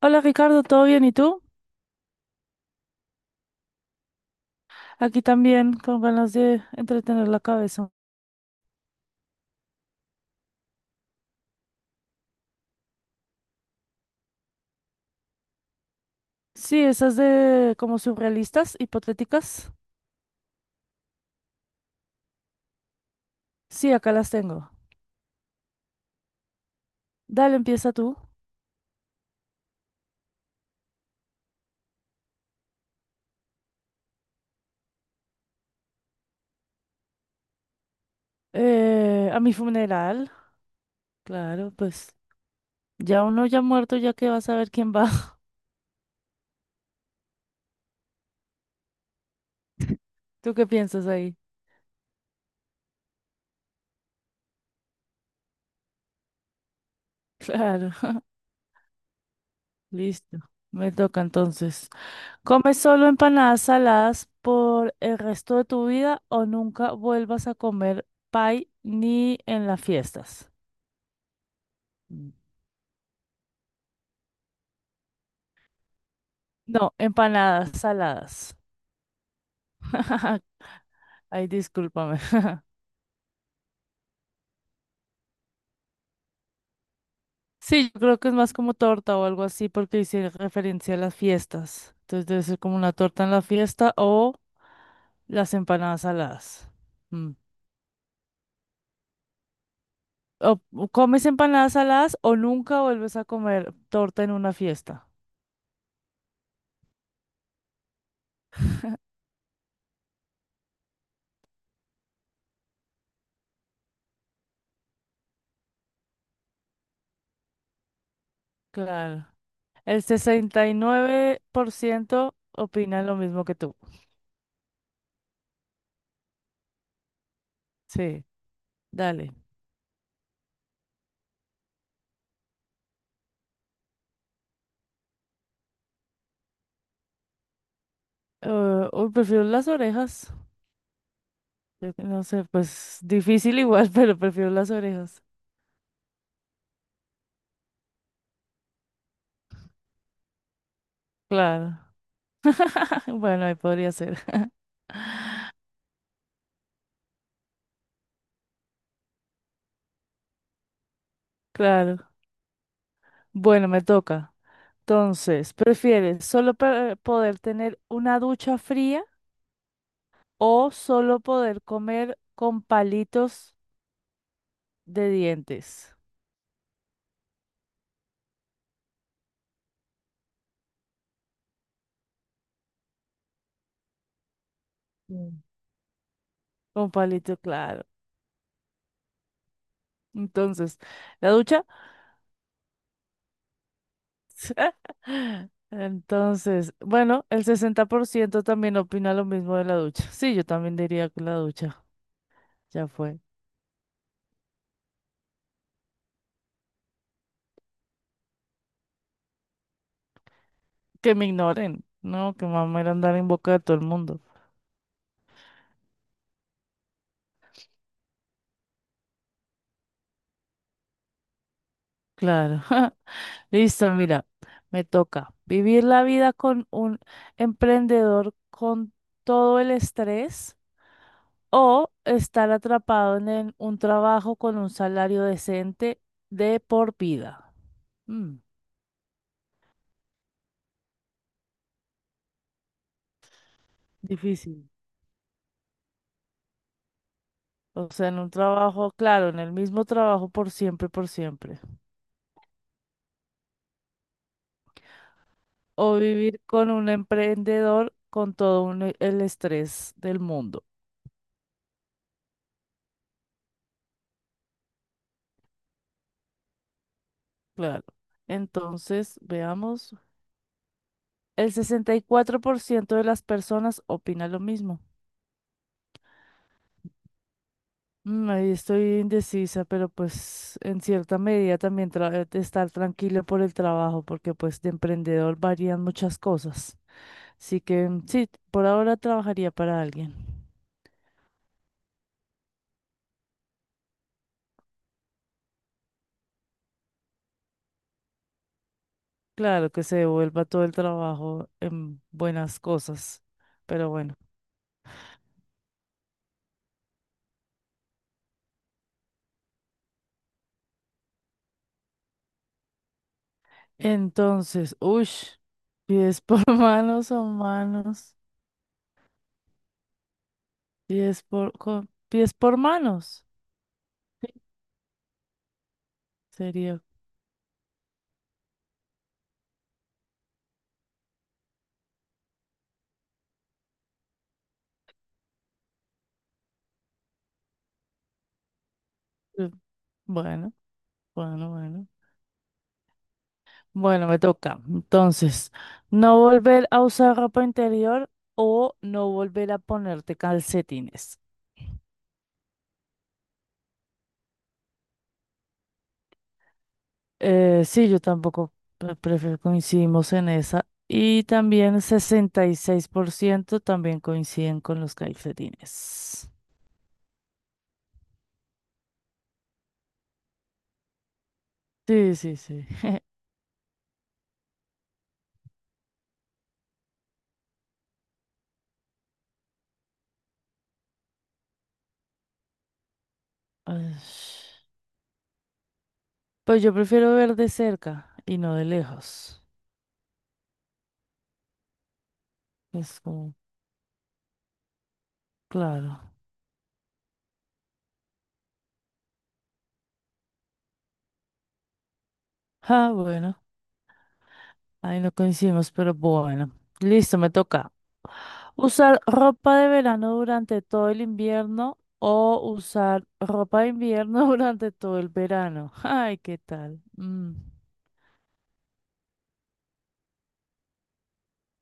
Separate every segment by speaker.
Speaker 1: Hola Ricardo, ¿todo bien? ¿Y tú? Aquí también con ganas de entretener la cabeza. Sí, esas de como surrealistas, hipotéticas. Sí, acá las tengo. Dale, empieza tú. A mi funeral. Claro, pues ya uno ya muerto, ya que vas a ver quién va. ¿Tú qué piensas ahí? Claro. Listo. Me toca entonces. ¿Comes solo empanadas saladas por el resto de tu vida o nunca vuelvas a comer pie ni en las fiestas? No, empanadas saladas. Ay, discúlpame. Sí, yo creo que es más como torta o algo así porque hice referencia a las fiestas. Entonces debe ser como una torta en la fiesta o las empanadas saladas. Mm. O comes empanadas saladas o nunca vuelves a comer torta en una fiesta. Claro. El 69% opina lo mismo que tú. Sí, dale. Uy, prefiero las orejas. Yo que no sé, pues difícil igual, pero prefiero las orejas. Claro. Bueno, ahí podría ser. Claro. Bueno, me toca. Entonces, ¿prefieres solo poder tener una ducha fría o solo poder comer con palitos de dientes? Mm. Con palito, claro. Entonces, ¿la ducha? Entonces, bueno, el 60% también opina lo mismo de la ducha. Sí, yo también diría que la ducha. Ya fue. Que me ignoren, ¿no? Que mamá era andar en boca de todo el mundo. Claro. Listo, mira, me toca vivir la vida con un emprendedor con todo el estrés o estar atrapado en un trabajo con un salario decente de por vida. Mm, difícil. O sea, en un trabajo, claro, en el mismo trabajo por siempre, por siempre. O vivir con un emprendedor con todo el estrés del mundo. Claro. Entonces, veamos. El 64% de las personas opina lo mismo. Mm, ahí estoy indecisa, pero pues en cierta medida también estar tranquilo por el trabajo, porque pues de emprendedor varían muchas cosas. Así que mm, sí, por ahora trabajaría para alguien. Claro que se devuelva todo el trabajo en buenas cosas, pero bueno. Entonces, uy, pies por manos o manos. Pies por, pies por manos sería. eh, Bueno, bueno, bueno. Bueno, me toca. Entonces, no volver a usar ropa interior o no volver a ponerte calcetines. Sí, yo tampoco prefiero, coincidimos en esa. Y también 66% también coinciden con los calcetines. Sí, sí, sí. Ay, pues yo prefiero ver de cerca y no de lejos. Es como, claro. Ah, bueno, ahí no coincidimos, pero bueno. Listo, me toca. ¿Usar ropa de verano durante todo el invierno o usar ropa de invierno durante todo el verano? Ay, ¿qué tal? Mm.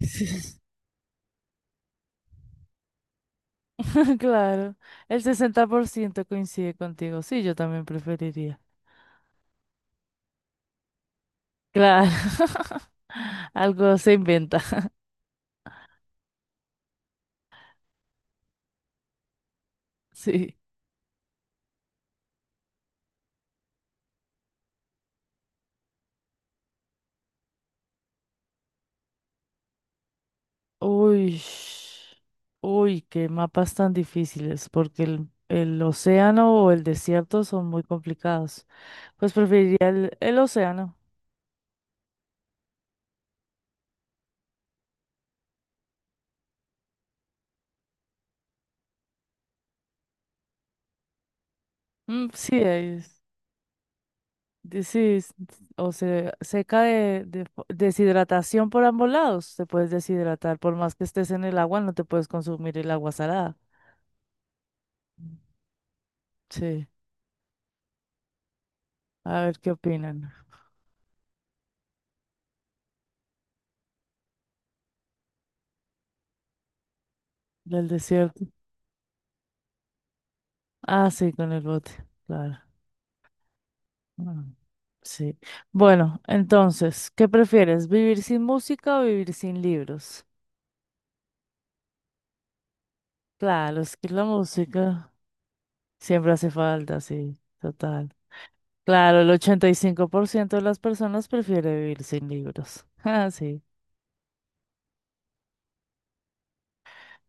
Speaker 1: Claro, el 60% coincide contigo. Sí, yo también preferiría. Claro, algo se inventa. Sí. Uy, uy, qué mapas tan difíciles, porque el océano o el desierto son muy complicados. Pues preferiría el océano. Mm, sí, es- o se seca deshidratación por ambos lados. Te puedes deshidratar, por más que estés en el agua, no te puedes consumir el agua salada. Sí, a ver qué opinan del desierto. Ah, sí, con el bote, claro. Mm, sí. Bueno, entonces, ¿qué prefieres? ¿Vivir sin música o vivir sin libros? Claro, es que la música siempre hace falta, sí, total. Claro, el 85% de las personas prefiere vivir sin libros. Ah, sí.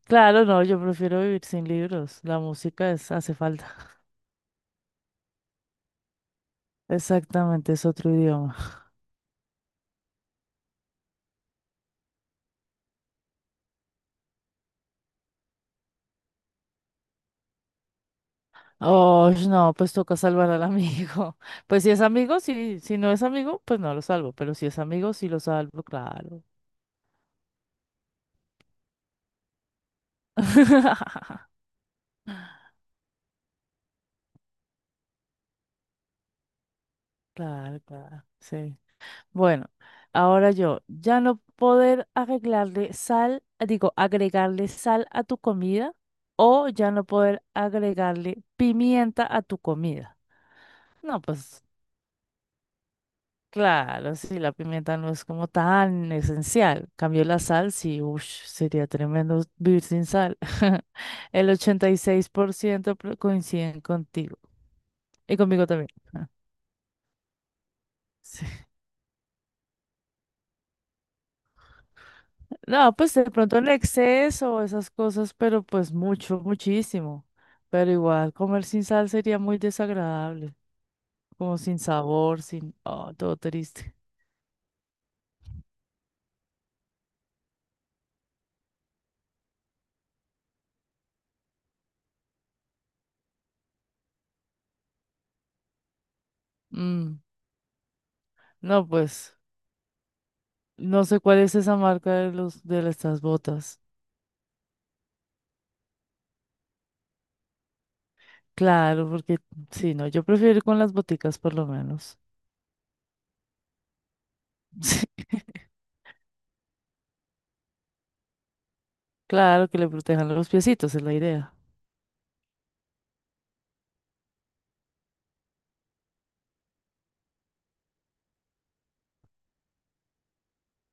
Speaker 1: Claro, no, yo prefiero vivir sin libros. La música es, hace falta. Exactamente, es otro idioma. Oh, no, pues toca salvar al amigo. Pues si es amigo, sí, si no es amigo, pues no lo salvo. Pero si es amigo, sí lo salvo, claro. Claro, claro, sí. Bueno, ahora yo, ya no poder agregarle sal, digo, agregarle sal a tu comida o ya no poder agregarle pimienta a tu comida. No, pues claro, sí, la pimienta no es como tan esencial. Cambio la sal, sí, ush, sería tremendo vivir sin sal. El 86% coinciden contigo y conmigo también. No, pues de pronto el exceso, esas cosas, pero pues mucho, muchísimo. Pero igual, comer sin sal sería muy desagradable, como sin sabor, sin... Oh, todo triste. Mm, no, pues, no sé cuál es esa marca de estas botas. Claro, porque sí, no, yo prefiero ir con las boticas por lo menos. Sí, claro, que le protejan los piecitos, es la idea.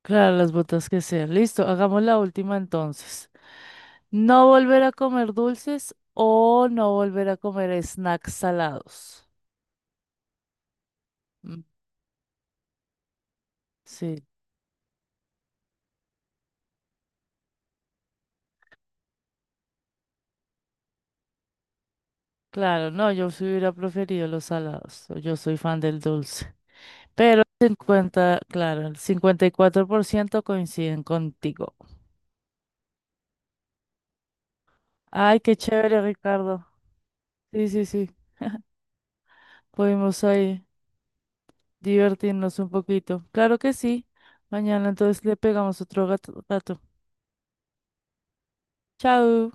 Speaker 1: Claro, las botas que sean. Listo, hagamos la última entonces. No volver a comer dulces o no volver a comer snacks salados. Mm, sí, claro, no, yo sí hubiera preferido los salados. Yo soy fan del dulce. Pero el 50, claro, el 54% coinciden contigo. Ay, qué chévere, Ricardo. Sí, sí, sí. Pudimos ahí divertirnos un poquito. Claro que sí. Mañana entonces le pegamos otro gato. Chao.